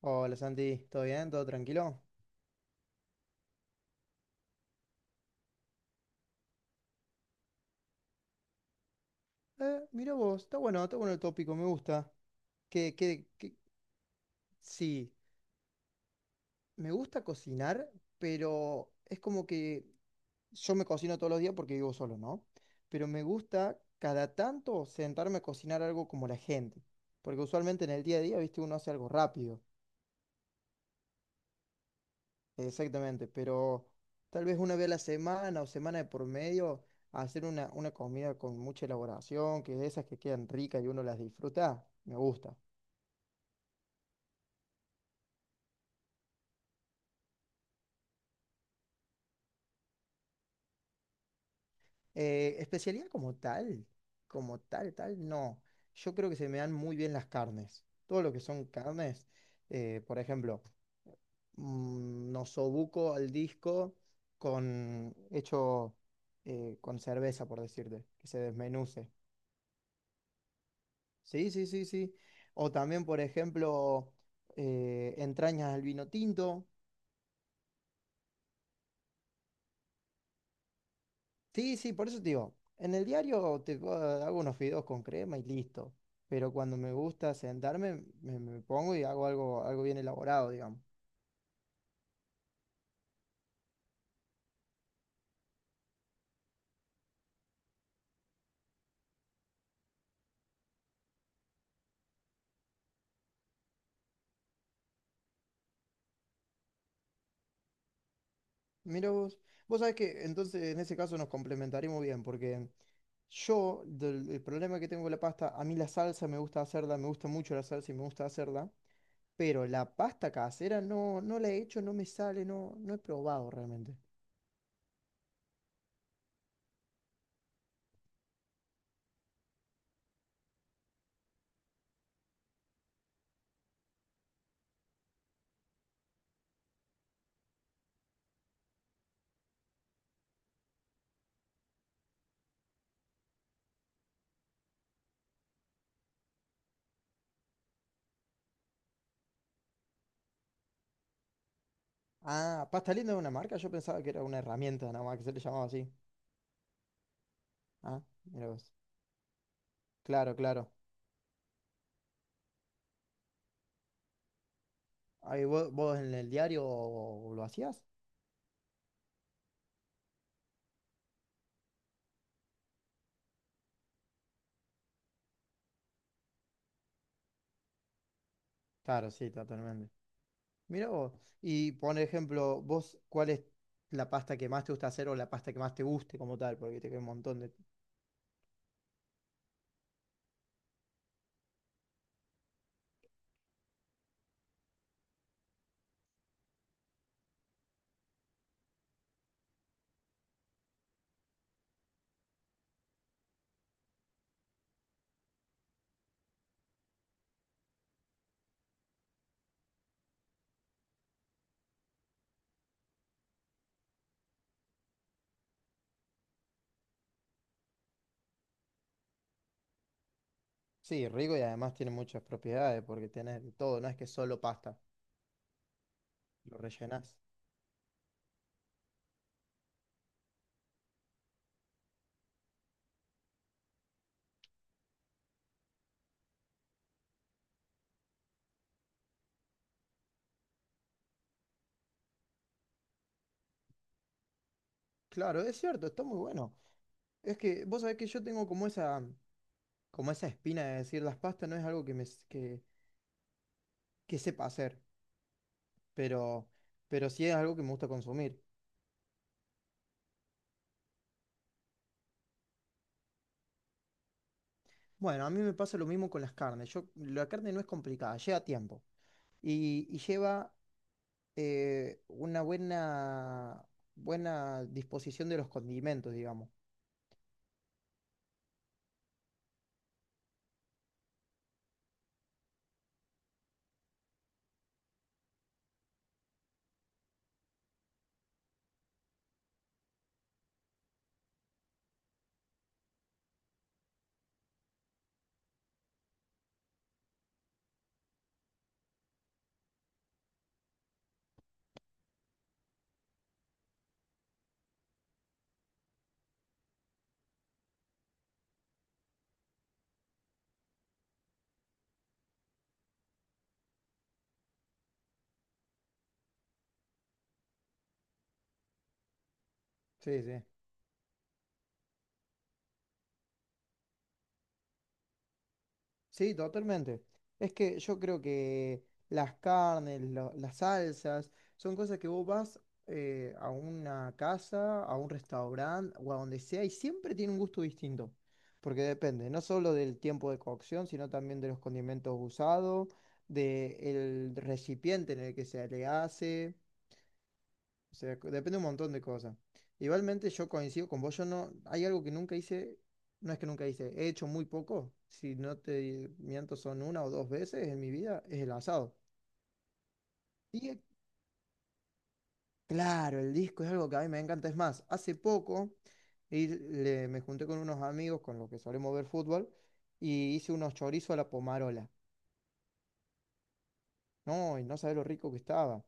Hola Santi, ¿todo bien? ¿Todo tranquilo? Mira vos, está bueno el tópico, me gusta. Que, que, que, sí, me gusta cocinar, pero es como que yo me cocino todos los días porque vivo solo, ¿no? Pero me gusta cada tanto sentarme a cocinar algo como la gente, porque usualmente en el día a día, viste, uno hace algo rápido. Exactamente, pero tal vez una vez a la semana o semana de por medio hacer una comida con mucha elaboración, que es de esas que quedan ricas y uno las disfruta, me gusta. Especialidad como tal, no. Yo creo que se me dan muy bien las carnes. Todo lo que son carnes, por ejemplo, nosobuco al disco con hecho con cerveza, por decirte, que se desmenuce. Sí, sí, sí, sí. O también, por ejemplo, entrañas al vino tinto. Sí, sí, por eso te digo, en el diario hago unos fideos con crema y listo. Pero cuando me gusta sentarme, me pongo y hago algo, algo bien elaborado, digamos. Mira vos, vos sabés que entonces en ese caso nos complementaremos bien, porque yo, el problema que tengo con la pasta, a mí la salsa me gusta hacerla, me gusta mucho la salsa y me gusta hacerla. Pero la pasta casera no, no la he hecho, no me sale, no, no he probado realmente. Ah, pasta linda es una marca, yo pensaba que era una herramienta nada más que se le llamaba así. Ah, mira vos. Claro, claro. Ahí vos, vos en el diario ¿lo hacías? Claro, sí, totalmente. Mira vos. Y por ejemplo, vos, ¿cuál es la pasta que más te gusta hacer o la pasta que más te guste como tal? Porque te queda un montón de. Sí, rico y además tiene muchas propiedades porque tenés de todo, no es que solo pasta, lo rellenás. Claro, es cierto, está muy bueno. Es que vos sabés que yo tengo como esa espina de decir las pastas no es algo que que sepa hacer, pero, pero sí es algo que me gusta consumir. Bueno, a mí me pasa lo mismo con las carnes. Yo, la carne no es complicada, lleva tiempo y lleva una buena, buena disposición de los condimentos, digamos. Sí, sí. Sí, totalmente. Es que yo creo que las carnes, las salsas, son cosas que vos vas a una casa, a un restaurante o a donde sea y siempre tiene un gusto distinto. Porque depende, no solo del tiempo de cocción, sino también de los condimentos usados, del recipiente en el que se le hace. O sea, depende un montón de cosas. Igualmente yo coincido con vos, yo no, hay algo que nunca hice, no es que nunca hice, he hecho muy poco, si no te miento son 1 o 2 veces en mi vida, es el asado. Y claro, el disco es algo que a mí me encanta, es más, hace poco me junté con unos amigos con los que solemos ver fútbol y hice unos chorizos a la pomarola. No, y no sabés lo rico que estaba.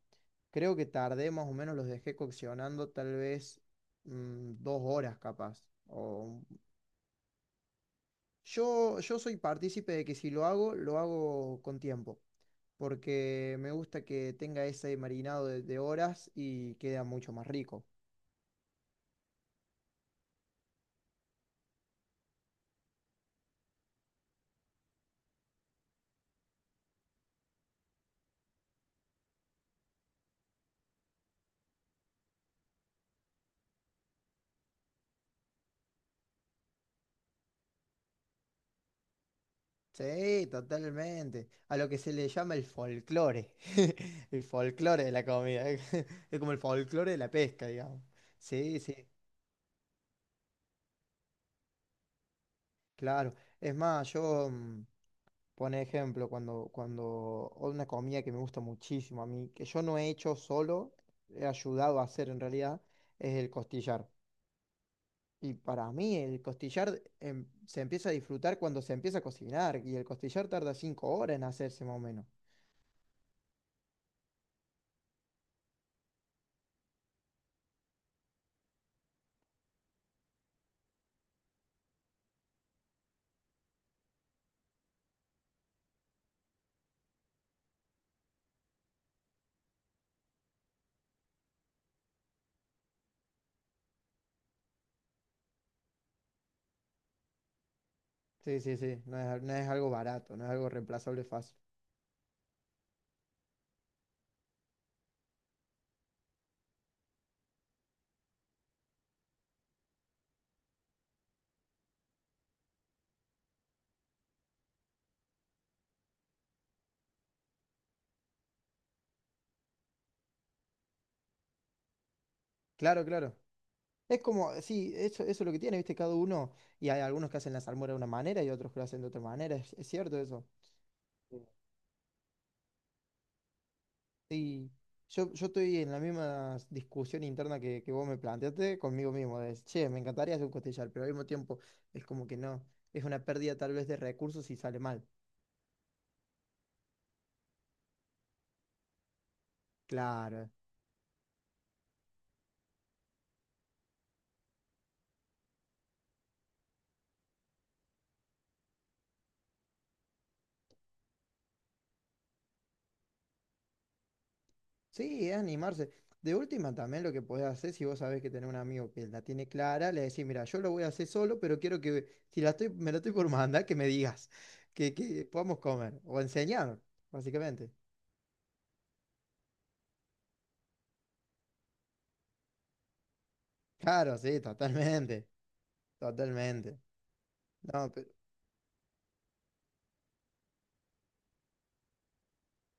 Creo que tardé más o menos, los dejé coccionando tal vez 2 horas capaz, o. Yo soy partícipe de que si lo hago, lo hago con tiempo, porque me gusta que tenga ese marinado de horas y queda mucho más rico. Sí, totalmente. A lo que se le llama el folclore. El folclore de la comida. Es como el folclore de la pesca, digamos. Sí, sí. Claro, es más, yo, por ejemplo, cuando una comida que me gusta muchísimo a mí, que yo no he hecho solo, he ayudado a hacer en realidad, es el costillar. Y para mí el costillar se empieza a disfrutar cuando se empieza a cocinar, y el costillar tarda 5 horas en hacerse más o menos. Sí, sí, sí, no es, no es algo barato, no es algo reemplazable fácil. Claro, claro. Es como, sí, eso es lo que tiene, viste, cada uno, y hay algunos que hacen la salmuera de una manera y otros que lo hacen de otra manera, es cierto eso. Sí, yo estoy en la misma discusión interna que vos me planteaste conmigo mismo, de, che, me encantaría hacer un costillar, pero al mismo tiempo es como que no, es una pérdida tal vez de recursos si sale mal. Claro. Sí, es animarse. De última también lo que podés hacer si vos sabés que tenés un amigo que la tiene clara, le decís, mira, yo lo voy a hacer solo, pero quiero que, si la estoy, me la estoy por mandar, que me digas, que podamos comer, o enseñar, básicamente. Claro, sí, totalmente, totalmente. No,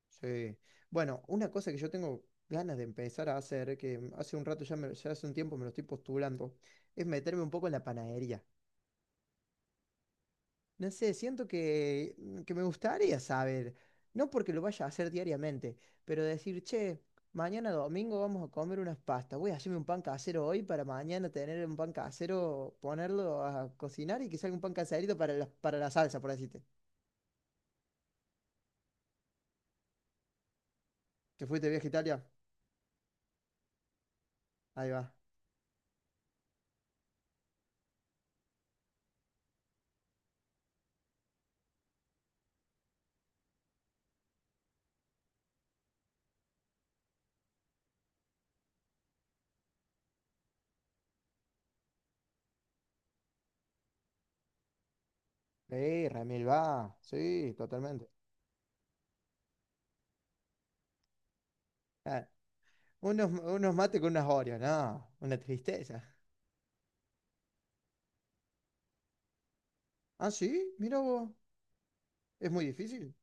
sí. Bueno, una cosa que yo tengo ganas de empezar a hacer, que hace un rato ya, ya hace un tiempo me lo estoy postulando, es meterme un poco en la panadería. No sé, siento que, que me gustaría saber, no porque lo vaya a hacer diariamente, pero decir, che, mañana domingo vamos a comer unas pastas, voy a hacerme un pan casero hoy para mañana tener un pan casero, ponerlo a cocinar y que salga un pan caserito para la salsa, por decirte. ¿Te fuiste de viaje a Italia? Ahí va. Sí, Remil va, sí, totalmente. Unos, unos mates con unas Oreos, no, una tristeza. Ah, sí, mira vos. Es muy difícil,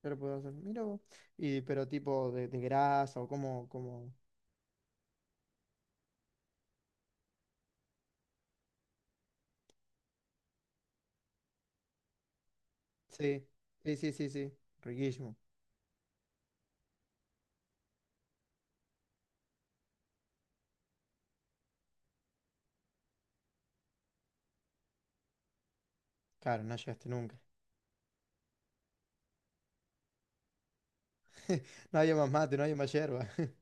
pero puedo hacer, mira vos. Y, pero tipo de grasa o como, como. Sí, sí, sí, sí, sí. Riquísimo. Claro, no llegaste nunca. No había más mate, no había más yerba.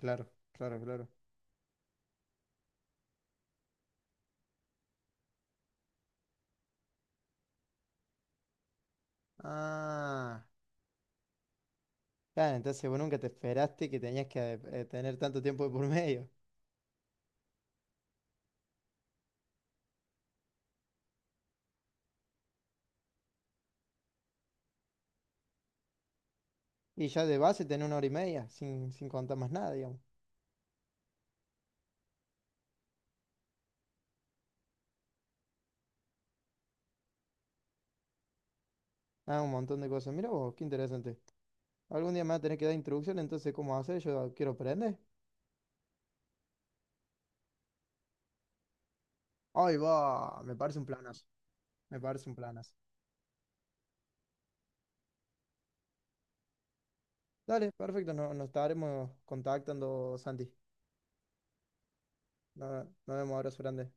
Claro, claro, claro. Ah, claro, entonces vos nunca te esperaste que tenías que tener tanto tiempo de por medio. Y ya de base tenés 1 hora y media, sin, sin contar más nada, digamos. Ah, un montón de cosas. Mira vos, qué interesante. Algún día me va a tener que dar instrucción entonces, ¿cómo hacer? Yo quiero aprender. Ay, va, me parece un planazo. Me parece un planazo. Dale, perfecto, nos estaremos contactando, Santi. Nos vemos, abrazo grande.